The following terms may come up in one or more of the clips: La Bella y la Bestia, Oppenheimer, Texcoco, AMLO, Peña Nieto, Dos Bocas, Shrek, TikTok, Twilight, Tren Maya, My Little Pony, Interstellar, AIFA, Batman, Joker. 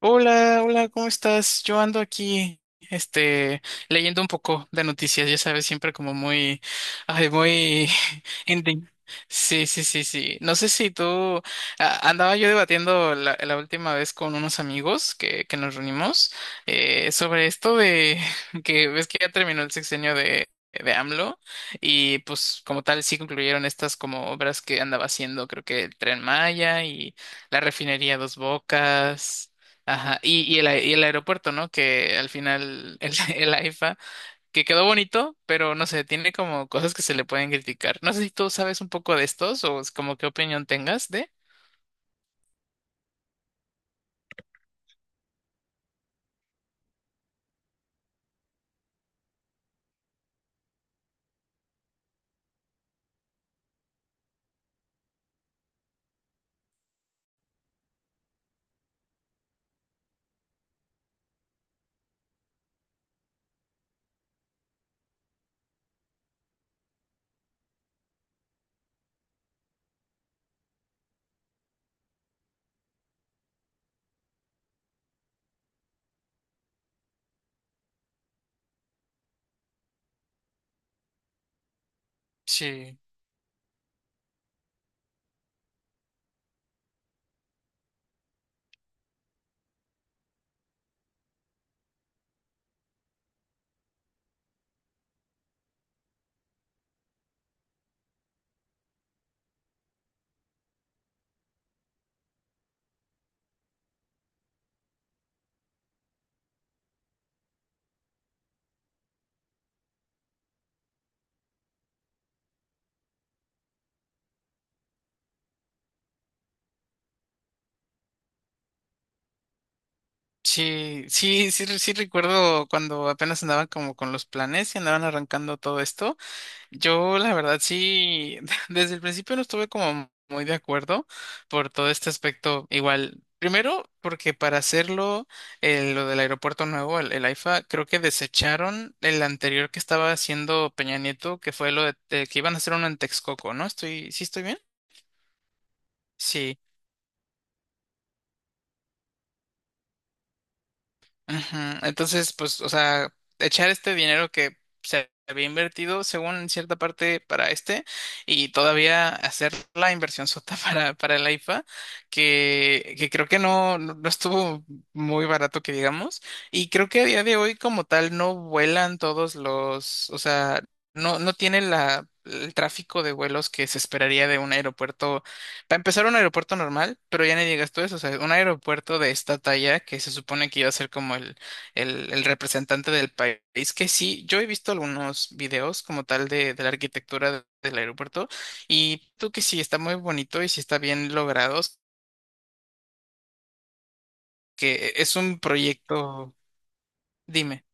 Hola, hola, ¿cómo estás? Yo ando aquí, este, leyendo un poco de noticias, ya sabes, siempre como muy, ay, muy ending. Sí, sí, sí, sí. No sé si tú, andaba yo debatiendo la última vez con unos amigos que nos reunimos sobre esto de que ves que ya terminó el sexenio de AMLO y pues como tal sí concluyeron estas como obras que andaba haciendo, creo que el Tren Maya y la refinería Dos Bocas. Ajá, y y el aeropuerto, ¿no? Que al final el AIFA, que quedó bonito, pero no sé, tiene como cosas que se le pueden criticar. No sé si tú sabes un poco de estos o es como qué opinión tengas de. Sí, sí, sí, sí, sí recuerdo cuando apenas andaban como con los planes y andaban arrancando todo esto. Yo, la verdad, sí, desde el principio no estuve como muy de acuerdo por todo este aspecto. Igual, primero, porque para hacerlo, lo del aeropuerto nuevo, el AIFA, creo que desecharon el anterior que estaba haciendo Peña Nieto, que fue lo de que iban a hacer uno en Texcoco, ¿no? Estoy, ¿sí estoy bien? Sí. Ujú. Entonces, pues, o sea, echar este dinero que se había invertido, según en cierta parte, para este, y todavía hacer la inversión sota para la IFA, que creo que no, no estuvo muy barato, que digamos, y creo que a día de hoy, como tal, no vuelan todos los, o sea, no, no tiene la, el tráfico de vuelos que se esperaría de un aeropuerto para empezar, un aeropuerto normal, pero ya ni digas tú eso, o sea, un aeropuerto de esta talla que se supone que iba a ser como el representante del país, que sí, yo he visto algunos videos como tal de la arquitectura del aeropuerto y tú que sí, está muy bonito y sí está bien logrado, que es un proyecto, dime.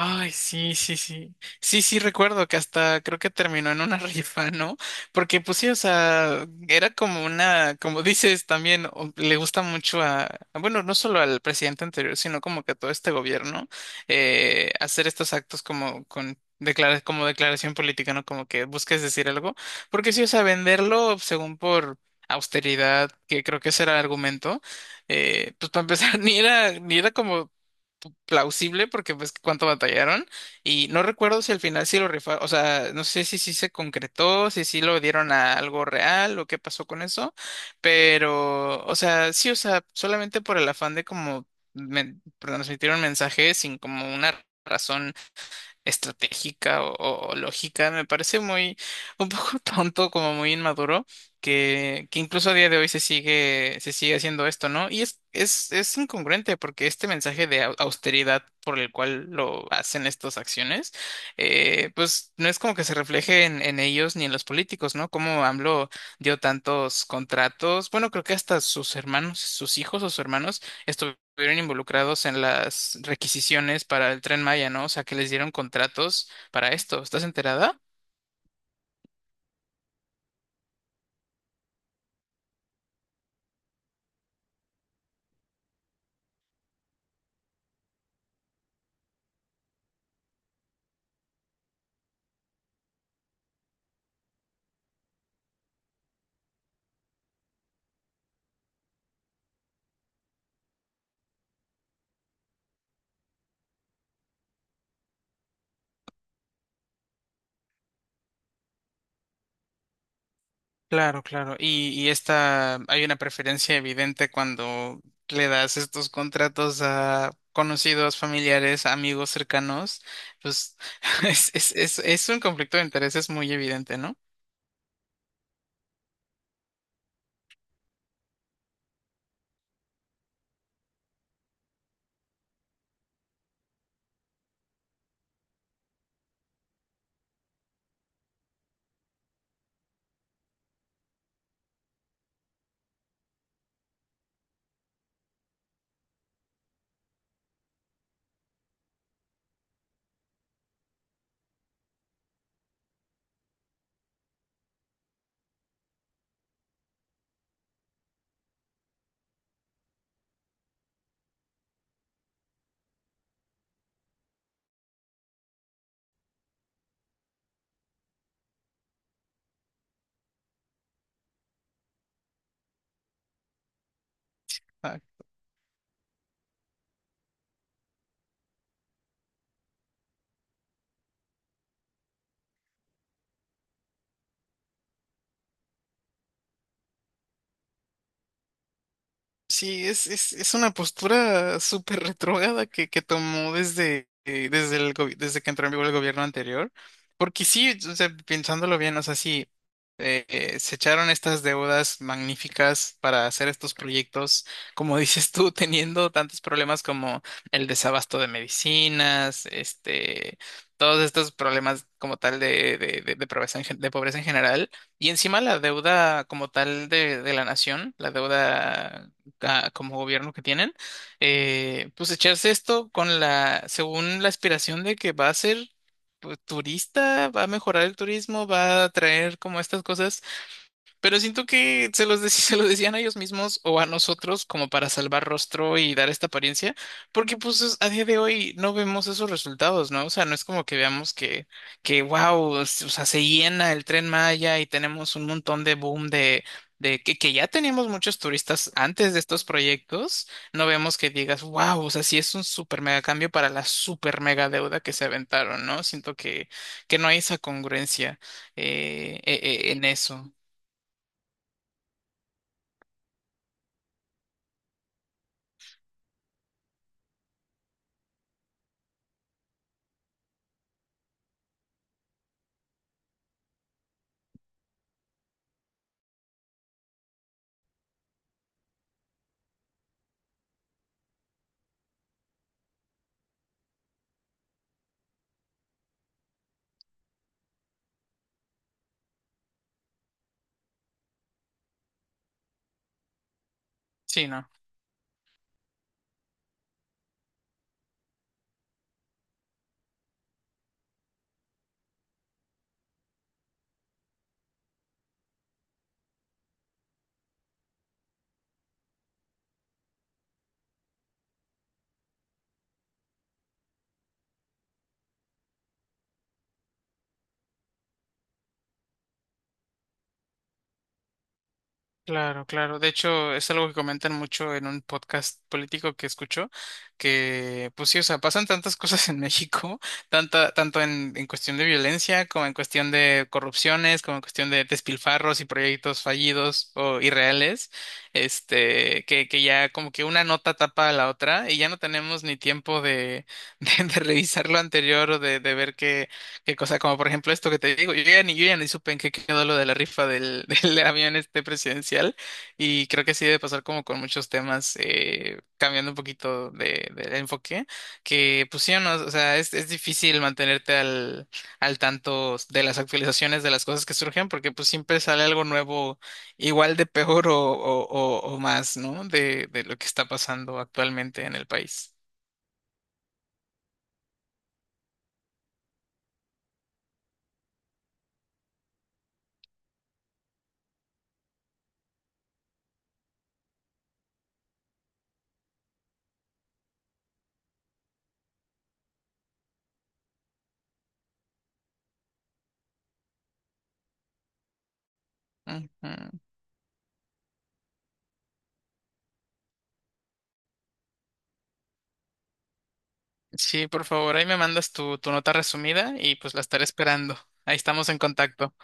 Ay, sí, sí, sí. Sí, sí, recuerdo que hasta creo que terminó en una rifa, ¿no? Porque pues sí, o sea, era como una, como dices también, o- le gusta mucho a- bueno, no solo al presidente anterior, sino como que a todo este gobierno, hacer estos actos como con... como declaración política, ¿no? Como que busques decir algo, porque sí, o sea, venderlo según por austeridad, que creo que ese era el argumento, pues para empezar, ni era como plausible porque pues cuánto batallaron y no recuerdo si al final sí lo rifaron, o sea, no sé si sí se concretó, si sí lo dieron a algo real o qué pasó con eso, pero o sea, sí, o sea, solamente por el afán de como transmitir un mensaje sin como una razón estratégica o lógica. Me parece muy, un poco tonto, como muy inmaduro, que incluso a día de hoy se sigue haciendo esto, ¿no? Y es, es incongruente porque este mensaje de austeridad por el cual lo hacen estas acciones, pues no es como que se refleje en ellos ni en los políticos, ¿no? Como AMLO dio tantos contratos, bueno, creo que hasta sus hermanos, sus hijos o sus hermanos estuvieron involucrados en las requisiciones para el Tren Maya, ¿no? O sea, que les dieron contratos para esto. ¿Estás enterada? Claro, claro. Y esta, hay una preferencia evidente cuando le das estos contratos a conocidos, familiares, amigos cercanos, pues es, es un conflicto de intereses muy evidente, ¿no? Sí, es, es una postura súper retrógrada que tomó desde, desde que entró en vigor el gobierno anterior. Porque sí, o sea, pensándolo bien, o sea, sí, se echaron estas deudas magníficas para hacer estos proyectos, como dices tú, teniendo tantos problemas como el desabasto de medicinas, este, todos estos problemas como tal de pobreza en, de pobreza en general. Y encima la deuda como tal de la nación, la deuda ah, como gobierno que tienen, pues echarse esto con la, según la aspiración de que va a ser pues, turista, va a mejorar el turismo, va a traer como estas cosas pero siento que se los, se los decían a ellos mismos o a nosotros como para salvar rostro y dar esta apariencia, porque pues a día de hoy no vemos esos resultados, ¿no? O sea, no es como que veamos que wow, o sea, se llena el Tren Maya y tenemos un montón de boom de que ya teníamos muchos turistas antes de estos proyectos, no vemos que digas, wow, o sea, sí es un super mega cambio para la super mega deuda que se aventaron, ¿no? Siento que no hay esa congruencia en eso. Sí, no, claro, claro. De hecho, es algo que comentan mucho en un podcast político que escucho, que pues sí, o sea, pasan tantas cosas en México, tanta, tanto en cuestión de violencia, como en cuestión de corrupciones, como en cuestión de despilfarros y proyectos fallidos o irreales, este, que ya como que una nota tapa a la otra y ya no tenemos ni tiempo de, de revisar lo anterior o de ver qué Qué cosa, como por ejemplo esto que te digo, yo ya ni supe en qué quedó lo de la rifa del, del avión este presidencial y creo que sí debe pasar como con muchos temas, cambiando un poquito del enfoque, que pues sí o no, o sea, es difícil mantenerte al, al tanto de las actualizaciones de las cosas que surgen porque pues siempre sale algo nuevo, igual de peor o más, ¿no? De lo que está pasando actualmente en el país. Ujú. Sí, por favor, ahí me mandas tu, tu nota resumida y pues la estaré esperando. Ahí estamos en contacto.